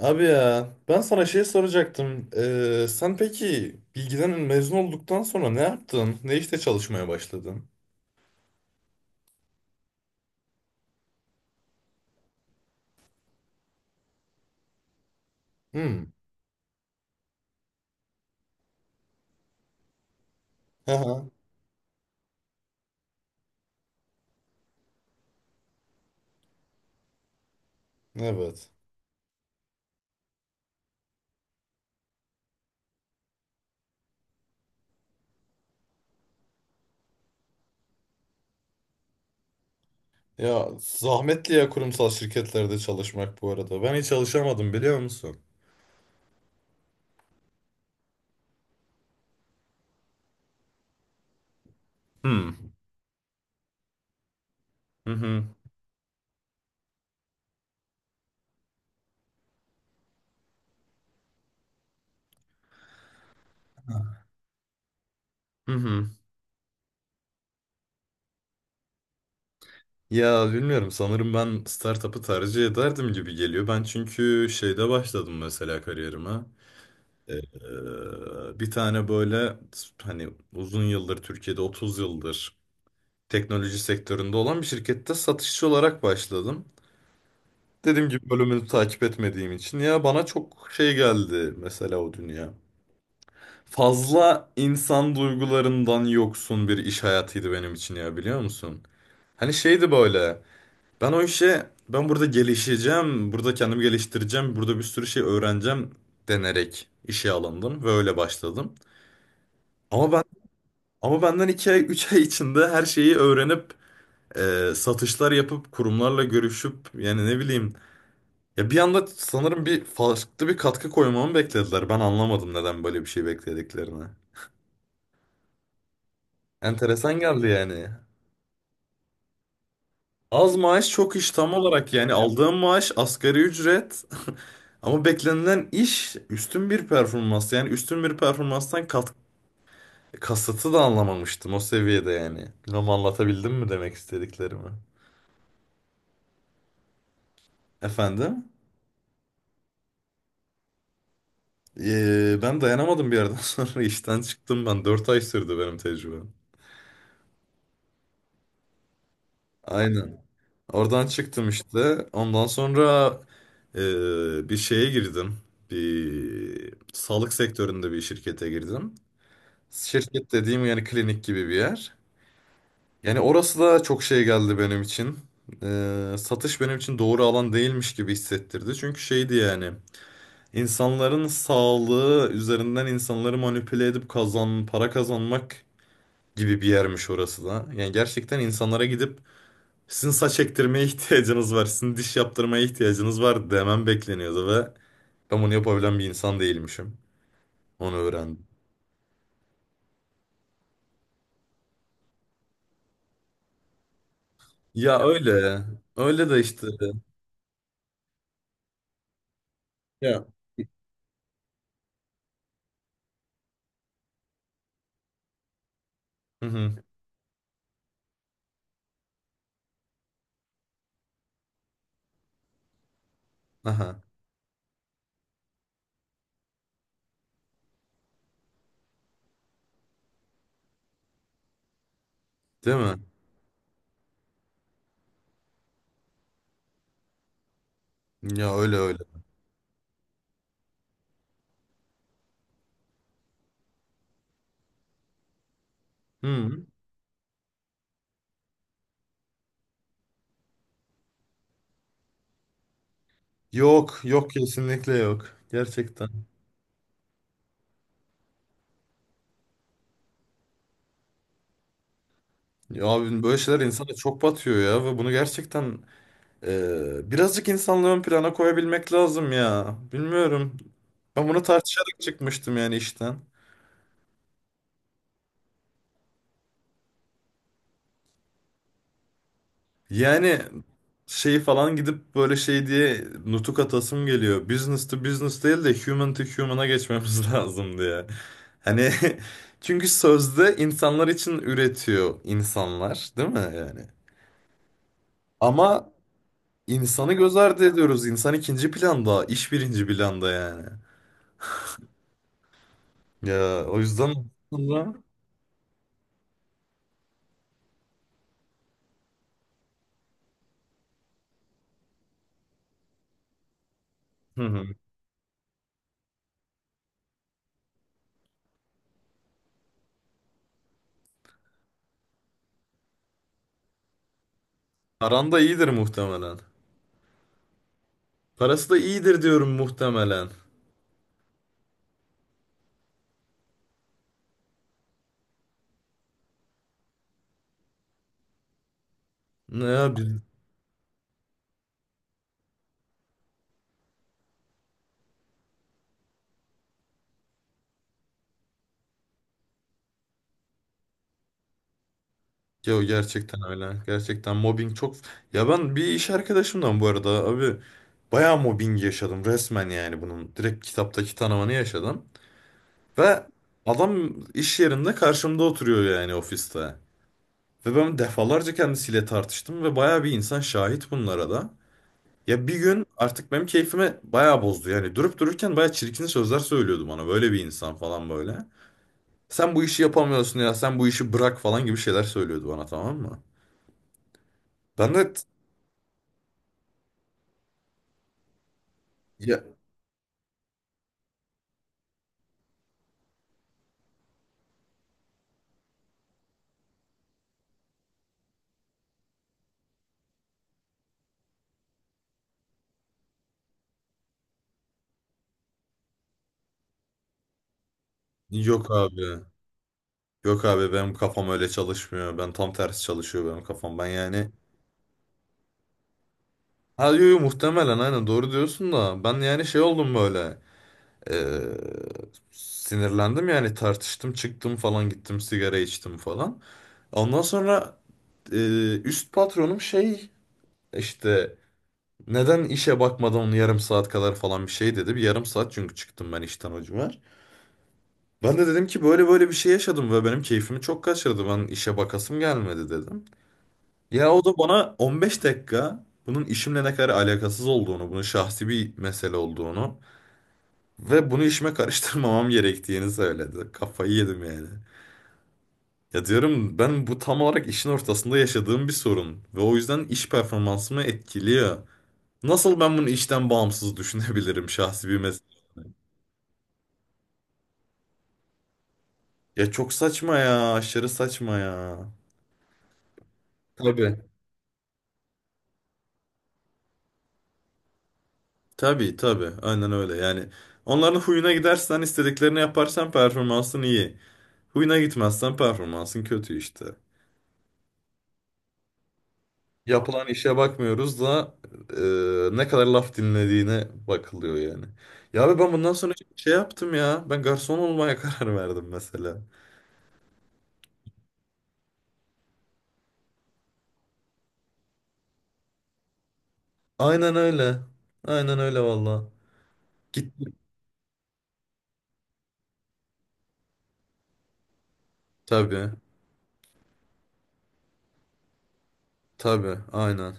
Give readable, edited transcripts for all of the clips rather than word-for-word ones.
Abi ya ben sana şey soracaktım. Sen peki bilgiden mezun olduktan sonra ne yaptın? Ne işte çalışmaya başladın? Hmm. Aha, evet. Ya zahmetli ya kurumsal şirketlerde çalışmak bu arada. Ben hiç çalışamadım biliyor musun? Hmm. Hı hı. Hı hı. Ya bilmiyorum, sanırım ben startup'ı tercih ederdim gibi geliyor. Ben çünkü şeyde başladım mesela kariyerime. Bir tane böyle hani uzun yıldır Türkiye'de 30 yıldır teknoloji sektöründe olan bir şirkette satışçı olarak başladım. Dediğim gibi, bölümünü takip etmediğim için ya bana çok şey geldi mesela o dünya. Fazla insan duygularından yoksun bir iş hayatıydı benim için, ya biliyor musun? Hani şeydi böyle. Ben o işe ben burada gelişeceğim, burada kendimi geliştireceğim, burada bir sürü şey öğreneceğim denerek işe alındım ve öyle başladım. Ama ben ama benden 2 ay 3 ay içinde her şeyi öğrenip satışlar yapıp kurumlarla görüşüp, yani ne bileyim, ya bir anda sanırım bir farklı bir katkı koymamı beklediler. Ben anlamadım neden böyle bir şey beklediklerini. Enteresan geldi yani. Az maaş çok iş, tam olarak yani. Aldığım maaş asgari ücret ama beklenilen iş üstün bir performans, yani üstün bir performanstan kat kasıtı da anlamamıştım o seviyede yani. Bilmem anlatabildim mi demek istediklerimi? Efendim? Ben dayanamadım bir yerden sonra işten çıktım ben. 4 ay sürdü benim tecrübem. Aynen. Oradan çıktım işte. Ondan sonra bir şeye girdim. Bir sağlık sektöründe bir şirkete girdim. Şirket dediğim yani klinik gibi bir yer. Yani orası da çok şey geldi benim için. Satış benim için doğru alan değilmiş gibi hissettirdi. Çünkü şeydi yani. İnsanların sağlığı üzerinden insanları manipüle edip kazan, para kazanmak gibi bir yermiş orası da. Yani gerçekten insanlara gidip sizin saç ektirmeye ihtiyacınız var, sizin diş yaptırmaya ihtiyacınız var demem bekleniyordu ve ben bunu yapabilen bir insan değilmişim. Onu öğrendim. Ya öyle. Öyle de işte. Ya. Hı hı. Aha. Değil mi? Ya öyle öyle. Hı. Yok, yok, kesinlikle yok. Gerçekten. Ya abi, böyle şeyler insana çok batıyor ya, ve bunu gerçekten. Birazcık insanlığı ön plana koyabilmek lazım ya. Bilmiyorum. Ben bunu tartışarak çıkmıştım yani işten. Yani şeyi falan gidip böyle şey diye nutuk atasım geliyor. Business to business değil de human to human'a geçmemiz lazım diye. Hani çünkü sözde insanlar için üretiyor insanlar, değil mi yani? Ama insanı göz ardı ediyoruz. İnsan ikinci planda, iş birinci planda yani. Ya o yüzden sonra... Hı hı. Aranda iyidir muhtemelen. Parası da iyidir diyorum muhtemelen. Ne ya biz... Ya gerçekten öyle. Gerçekten mobbing çok... Ya ben bir iş arkadaşımdan bu arada abi bayağı mobbing yaşadım resmen yani bunun. Direkt kitaptaki tanımını yaşadım. Ve adam iş yerinde karşımda oturuyor yani ofiste. Ve ben defalarca kendisiyle tartıştım ve bayağı bir insan şahit bunlara da. Ya bir gün artık benim keyfime bayağı bozdu. Yani durup dururken bayağı çirkin sözler söylüyordu bana. Böyle bir insan falan böyle. Sen bu işi yapamıyorsun ya, sen bu işi bırak falan gibi şeyler söylüyordu bana, tamam mı? Ben de ya, yok abi, yok abi, benim kafam öyle çalışmıyor, ben tam tersi çalışıyor benim kafam, ben yani ha yo, yo, muhtemelen aynen doğru diyorsun da ben yani şey oldum böyle eee, sinirlendim yani, tartıştım, çıktım falan, gittim sigara içtim falan. Ondan sonra üst patronum şey, işte neden işe bakmadan yarım saat kadar falan, bir şey dedi. Bir yarım saat çünkü çıktım ben işten o civar. Ben de dedim ki böyle böyle bir şey yaşadım ve benim keyfimi çok kaçırdı. Ben işe bakasım gelmedi dedim. Ya o da bana 15 dakika bunun işimle ne kadar alakasız olduğunu, bunun şahsi bir mesele olduğunu ve bunu işime karıştırmamam gerektiğini söyledi. Kafayı yedim yani. Ya diyorum ben, bu tam olarak işin ortasında yaşadığım bir sorun ve o yüzden iş performansımı etkiliyor. Nasıl ben bunu işten bağımsız düşünebilirim şahsi bir mesele? Ya çok saçma ya, aşırı saçma ya. Tabii. Tabii tabii, aynen öyle yani. Onların huyuna gidersen, istediklerini yaparsan performansın iyi. Huyuna gitmezsen performansın kötü işte. Yapılan işe bakmıyoruz da ne kadar laf dinlediğine bakılıyor yani. Ya abi, ben bundan sonra şey yaptım ya, ben garson olmaya karar verdim mesela. Aynen öyle, aynen öyle valla. Gittim, tabii tabii, aynen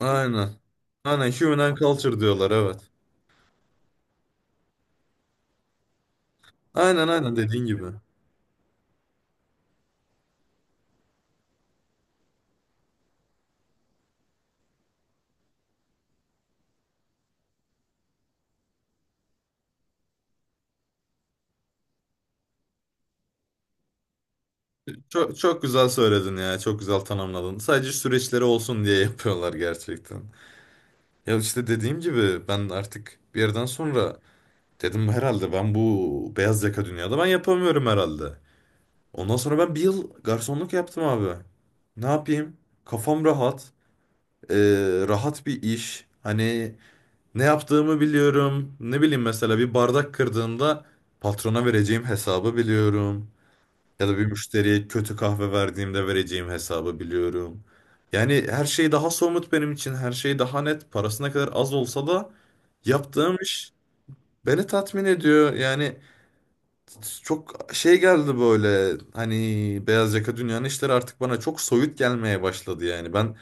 aynen aynen human and culture diyorlar evet. Aynen aynen dediğin gibi. Çok, çok güzel söyledin ya. Çok güzel tanımladın. Sadece süreçleri olsun diye yapıyorlar gerçekten. Ya işte dediğim gibi, ben artık bir yerden sonra dedim herhalde ben bu beyaz yaka dünyada ben yapamıyorum herhalde. Ondan sonra ben bir yıl garsonluk yaptım abi. Ne yapayım? Kafam rahat. Ee, Rahat bir iş. Hani ne yaptığımı biliyorum. Ne bileyim, mesela bir bardak kırdığında patrona vereceğim hesabı biliyorum. Ya da bir müşteriye kötü kahve verdiğimde vereceğim hesabı biliyorum. Yani her şey daha somut benim için. Her şey daha net. Parası ne kadar az olsa da yaptığım iş beni tatmin ediyor. Yani çok şey geldi böyle. Hani beyaz yaka dünyanın işleri artık bana çok soyut gelmeye başladı yani. Ben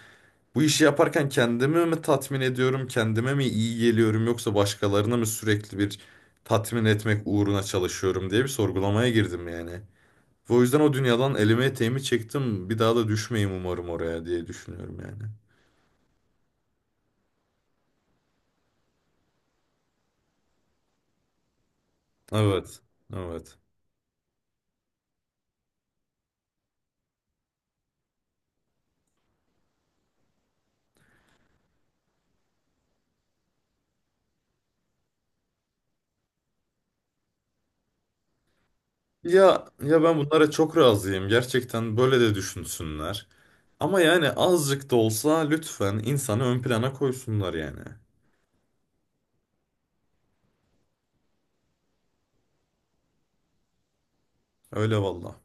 bu işi yaparken kendimi mi tatmin ediyorum? Kendime mi iyi geliyorum? Yoksa başkalarına mı sürekli bir tatmin etmek uğruna çalışıyorum diye bir sorgulamaya girdim yani. Ve o yüzden o dünyadan elime eteğimi çektim. Bir daha da düşmeyeyim umarım oraya diye düşünüyorum yani. Evet. Evet. Ya ya, ben bunlara çok razıyım. Gerçekten böyle de düşünsünler. Ama yani azıcık da olsa lütfen insanı ön plana koysunlar yani. Öyle valla.